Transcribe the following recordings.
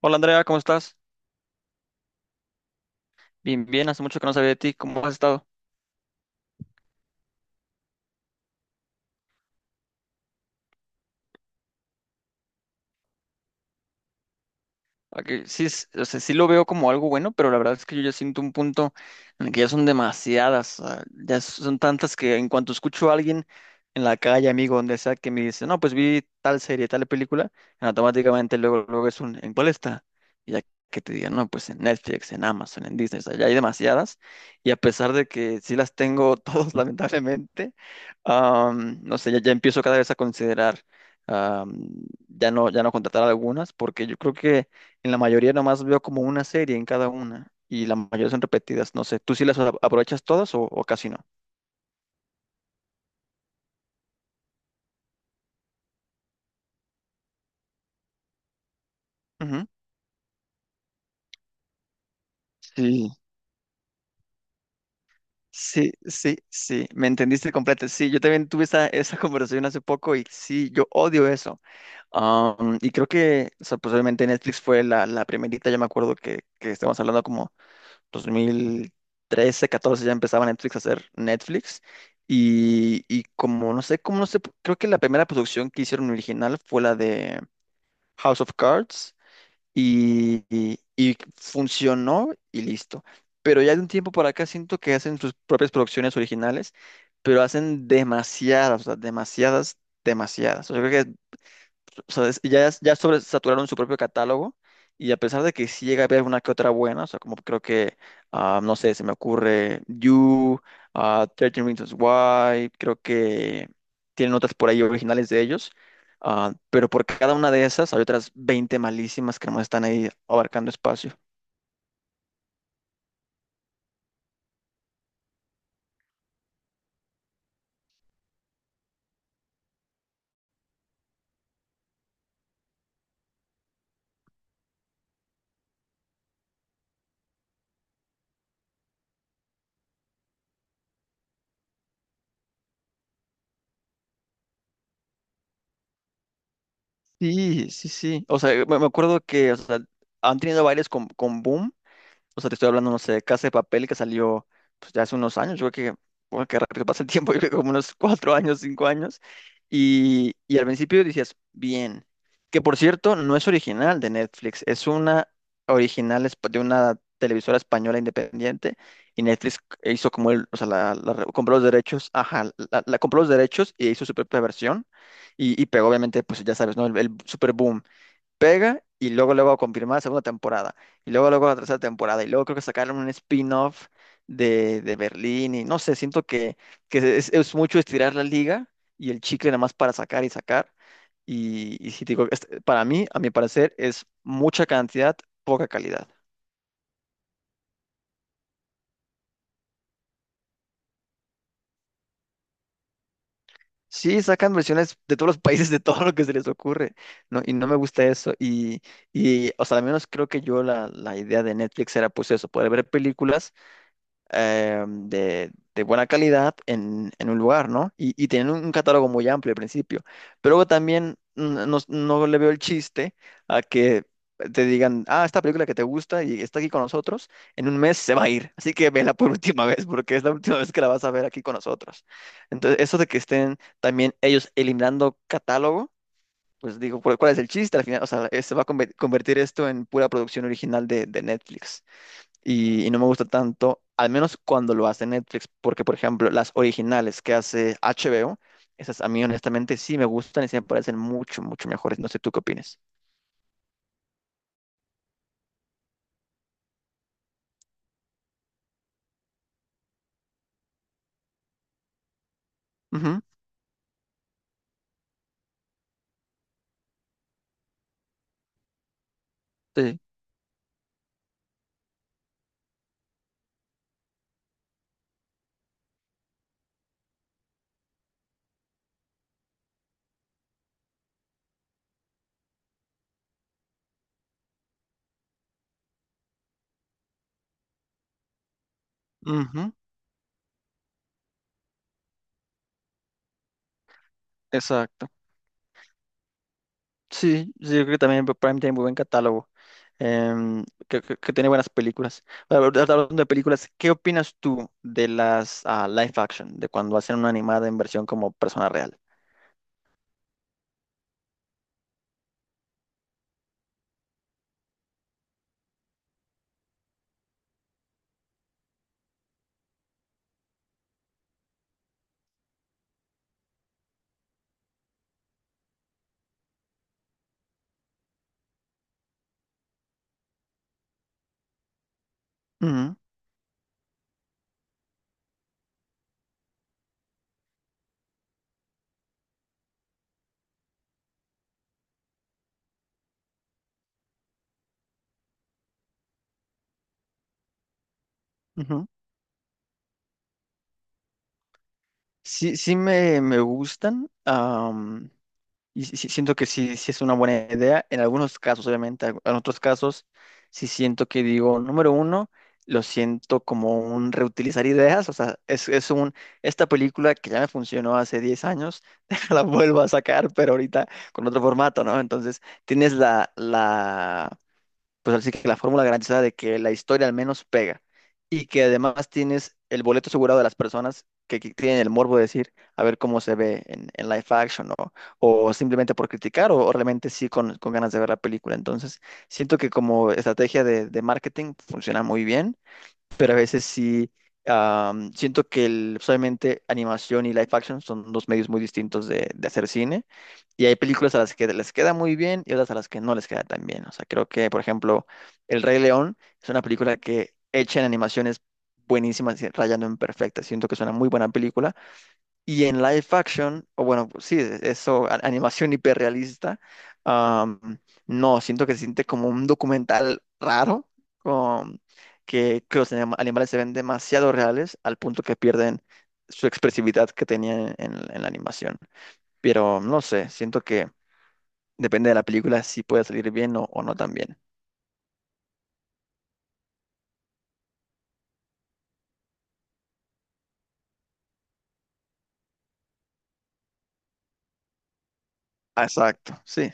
Hola Andrea, ¿cómo estás? Bien, bien, hace mucho que no sabía de ti, ¿cómo has estado? Ok, sí, o sea, sí lo veo como algo bueno, pero la verdad es que yo ya siento un punto en el que ya son demasiadas, o ya son tantas que en cuanto escucho a alguien en la calle, amigo, donde sea, que me dice, no, pues vi tal serie, tal película, automáticamente luego, luego ¿en cuál está? Y ya que te digan, no, pues en Netflix, en Amazon, en Disney, o sea, ya hay demasiadas, y a pesar de que sí las tengo todas, lamentablemente, no sé, ya empiezo cada vez a considerar, am, ya no, ya no contratar algunas, porque yo creo que en la mayoría nomás veo como una serie en cada una y la mayoría son repetidas. No sé, ¿tú sí las aprovechas todas o casi no? Ujú. Sí, sí, sí, sí, me entendiste completo. Sí, yo también tuve esa conversación hace poco y sí, yo odio eso. Y creo que, o sea, pues obviamente Netflix fue la primerita. Yo me acuerdo que estamos hablando como 2013, catorce ya empezaba Netflix a hacer Netflix. Y como no sé, creo que la primera producción que hicieron original fue la de House of Cards y funcionó y listo. Pero ya de un tiempo para acá siento que hacen sus propias producciones originales, pero hacen demasiadas, o sea, demasiadas, demasiadas. O sea, creo que o sea, ya sobresaturaron su propio catálogo y a pesar de que sí llega a haber una que otra buena, o sea, como creo que, no sé, se me ocurre You, 13 Reasons Why, creo que tienen otras por ahí originales de ellos, pero por cada una de esas hay otras 20 malísimas que no están ahí abarcando espacio. Sí, sí, sí. O sea, me acuerdo que o sea, han tenido bailes con Boom. O sea, te estoy hablando, no sé, de Casa de Papel que salió pues, ya hace unos años. Yo creo que, bueno, qué rápido pasa el tiempo, yo creo que como unos 4 años, 5 años. Y al principio decías, bien. Que por cierto, no es original de Netflix, es una original de una televisora española independiente. Y Netflix hizo como o sea, la compró los derechos, ajá, la compró los derechos y hizo su propia versión. Y pegó, obviamente, pues ya sabes, ¿no? El super pega y luego luego confirmar la segunda temporada y luego luego la tercera temporada y luego creo que sacaron un spin-off de Berlín y no sé, siento que es mucho estirar la liga y el chicle nada más para sacar y sacar y si te digo, este, para mí, a mi parecer, es mucha cantidad, poca calidad. Sí, sacan versiones de todos los países, de todo lo que se les ocurre, ¿no? Y no me gusta eso. Y o sea, al menos creo que yo la idea de Netflix era pues eso, poder ver películas de buena calidad en un lugar, ¿no? Y tienen un catálogo muy amplio al principio. Pero luego también no, no le veo el chiste a que te digan, esta película que te gusta y está aquí con nosotros, en un mes se va a ir. Así que vela por última vez, porque es la última vez que la vas a ver aquí con nosotros. Entonces, eso de que estén también ellos eliminando catálogo. Pues digo, ¿cuál es el chiste al final? O sea, se va a convertir esto en pura producción original de Netflix y no me gusta tanto, al menos cuando lo hace Netflix, porque por ejemplo las originales que hace HBO, esas a mí honestamente sí me gustan y sí me parecen mucho, mucho mejores. No sé tú qué opinas. Ujú, sí, ujú, exacto. Sí, sí, yo creo que también Prime tiene muy buen catálogo, que tiene buenas películas. Ahora, ahorita hablando de películas, ¿qué opinas tú de las live action, de cuando hacen una animada en versión como persona real? Ujú, ujú. Sí, sí me gustan. Y sí siento que sí, sí es una buena idea. En algunos casos, obviamente, en otros casos, sí siento que digo, número uno, lo siento como un reutilizar ideas. O sea, es esta película que ya me funcionó hace 10 años, la vuelvo a sacar, pero ahorita con otro formato, ¿no? Entonces, tienes la pues así que la fórmula garantizada de que la historia al menos pega y que además tienes el boleto asegurado de las personas que tienen el morbo de decir a ver cómo se ve en live action, ¿no? O simplemente por criticar o realmente sí con ganas de ver la película. Entonces, siento que como estrategia de marketing funciona muy bien, pero a veces sí siento que pues, obviamente animación y live action son dos medios muy distintos de hacer cine, y hay películas a las que les queda muy bien y otras a las que no les queda tan bien. O sea, creo que, por ejemplo, El Rey León es una película que hecha en animaciones buenísimas, y rayando en perfecta. Siento que es una muy buena película, y en live action, o bueno, pues sí, eso, animación hiperrealista, am, no, siento que se siente como un documental raro, con, que los animales se ven demasiado reales al punto que pierden su expresividad que tenían en la animación. Pero no sé, siento que depende de la película si puede salir bien o no también. Ah, exacto, sí.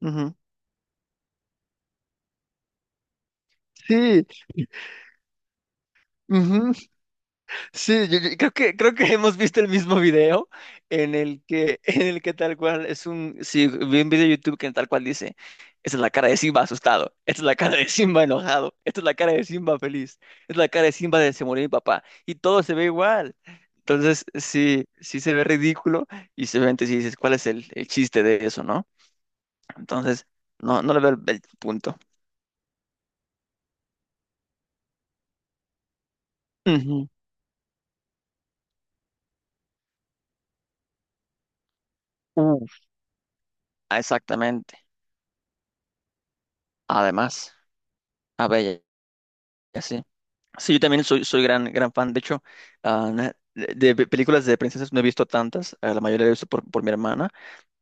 Ujú. Sí, ujú. Sí, yo creo que hemos visto el mismo video en el que en el que tal cual es un sí, vi un video de YouTube que tal cual dice, esta es la cara de Simba asustado, esta es la cara de Simba enojado, esta es la cara de Simba feliz, esta es la cara de Simba de se murió mi papá y todo se ve igual. Entonces, sí, sí se ve ridículo, y seguramente si dices, ¿cuál es el chiste de eso, no? Entonces, no le veo el punto. Ujú. Uf, exactamente. Además, a ver, sí, yo también soy, gran, gran fan. De hecho, de películas de princesas no he visto tantas. La mayoría la he visto por mi hermana.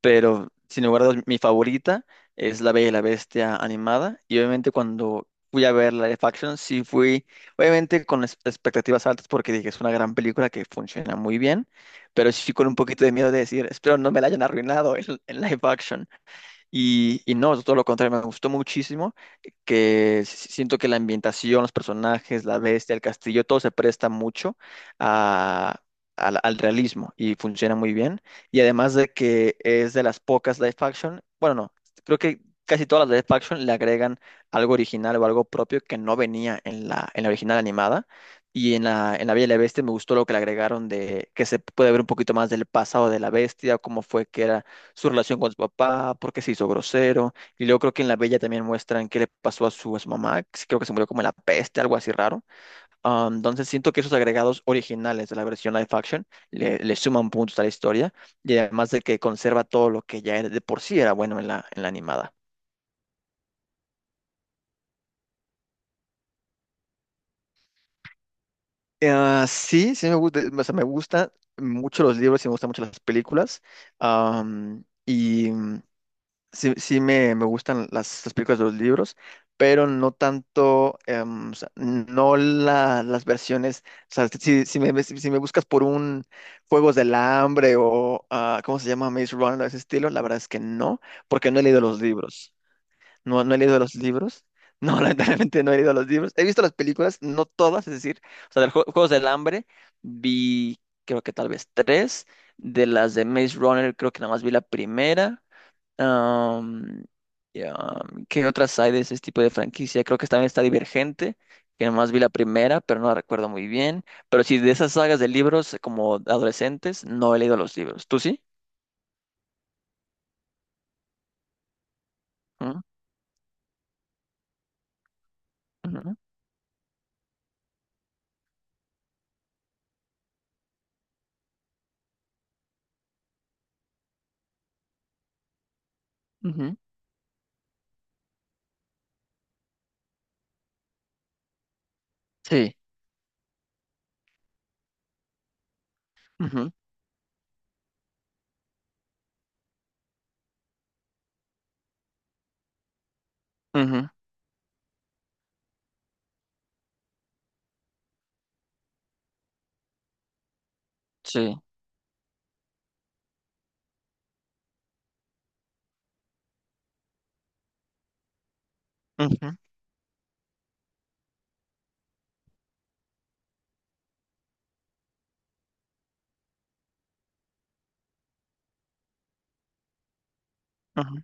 Pero, sin lugar a dudas, mi favorita es La Bella y la Bestia animada. Y obviamente cuando fui a ver la live action, sí fui, obviamente con expectativas altas porque dije, es una gran película que funciona muy bien. Pero sí con un poquito de miedo de decir, espero no me la hayan arruinado en live action. Y no, todo lo contrario, me gustó muchísimo, que siento que la ambientación, los personajes, la bestia, el castillo, todo se presta mucho a- al realismo y funciona muy bien. Y además de que es de las pocas live action, bueno, no, creo que casi todas las live action le agregan algo original o algo propio que no venía en la original animada. Y en la Bella y la Bestia me gustó lo que le agregaron de que se puede ver un poquito más del pasado de la bestia, cómo fue que era su relación con su papá, por qué se hizo grosero. Y luego creo que en La Bella también muestran qué le pasó a su mamá, que creo que se murió como en la peste, algo así raro. Ah, entonces siento que esos agregados originales de la versión live action le suman puntos a la historia, y además de que conserva todo lo que ya de por sí era bueno en la animada. Sí, sí me gusta, o sea, me gusta mucho los libros y me gustan mucho las películas. Y sí, sí me gustan las películas de los libros, pero no tanto, o sea, no las versiones, o sea, si me buscas por un Juegos del Hambre o, ¿cómo se llama? Maze Runner, ese estilo, la verdad es que no, porque no he leído los libros, no, no he leído los libros. No, lamentablemente no he leído los libros. He visto las películas, no todas, es decir, o sea, de los Juegos del Hambre vi, creo que tal vez tres, de las de Maze Runner creo que nada más vi la primera, Am, y, ¿qué otras hay de ese tipo de franquicia? Creo que también está Divergente, que nomás vi la primera, pero no la recuerdo muy bien. Pero sí, de esas sagas de libros como adolescentes, no he leído los libros. ¿Tú sí? Ujú, ujú, ujú. Sí. Ujú, ujú. Sí. Ujú, ujú.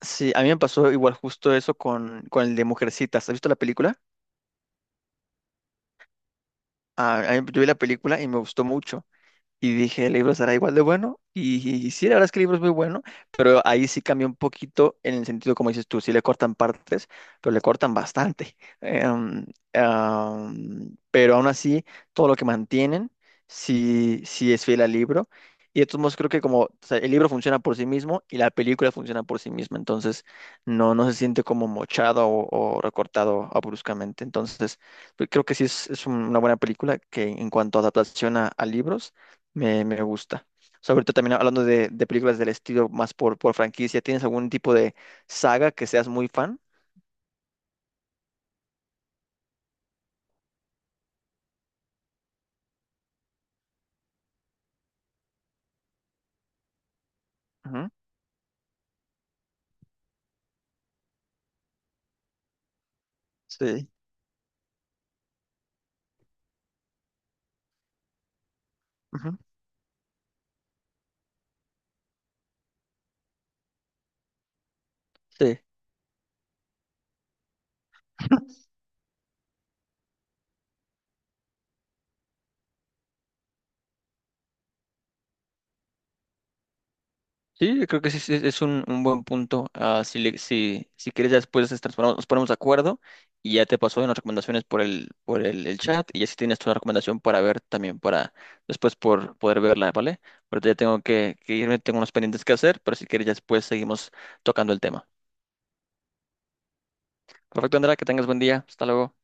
Sí, a mí me pasó igual justo eso con el de Mujercitas. ¿Has visto la película? Yo vi la película y me gustó mucho. Y dije, el libro será igual de bueno. Y sí, la verdad es que el libro es muy bueno, pero ahí sí cambió un poquito en el sentido, como dices tú, sí le cortan partes, pero le cortan bastante. Em, pero aún así, todo lo que mantienen, sí, sí es fiel al libro. Y de todos modos, creo que como o sea, el libro funciona por sí mismo y la película funciona por sí misma, entonces no, no se siente como mochado o, recortado bruscamente. Entonces, pues, creo que sí es una buena película que en cuanto a adaptación a libros me gusta. O sea, ahorita también hablando de películas del estilo más por franquicia, ¿tienes algún tipo de saga que seas muy fan? Ujú, sí. Ujú, sí. Sí, creo que sí, sí, es un buen punto. Si quieres, ya después nos nos ponemos de acuerdo y ya te paso las recomendaciones por el chat y así tienes tu recomendación para ver también para después por poder verla, ¿vale? Ahorita ya tengo que irme, tengo unos pendientes que hacer, pero si quieres, ya después seguimos tocando el tema. Perfecto, Andrea, que tengas buen día. Hasta luego.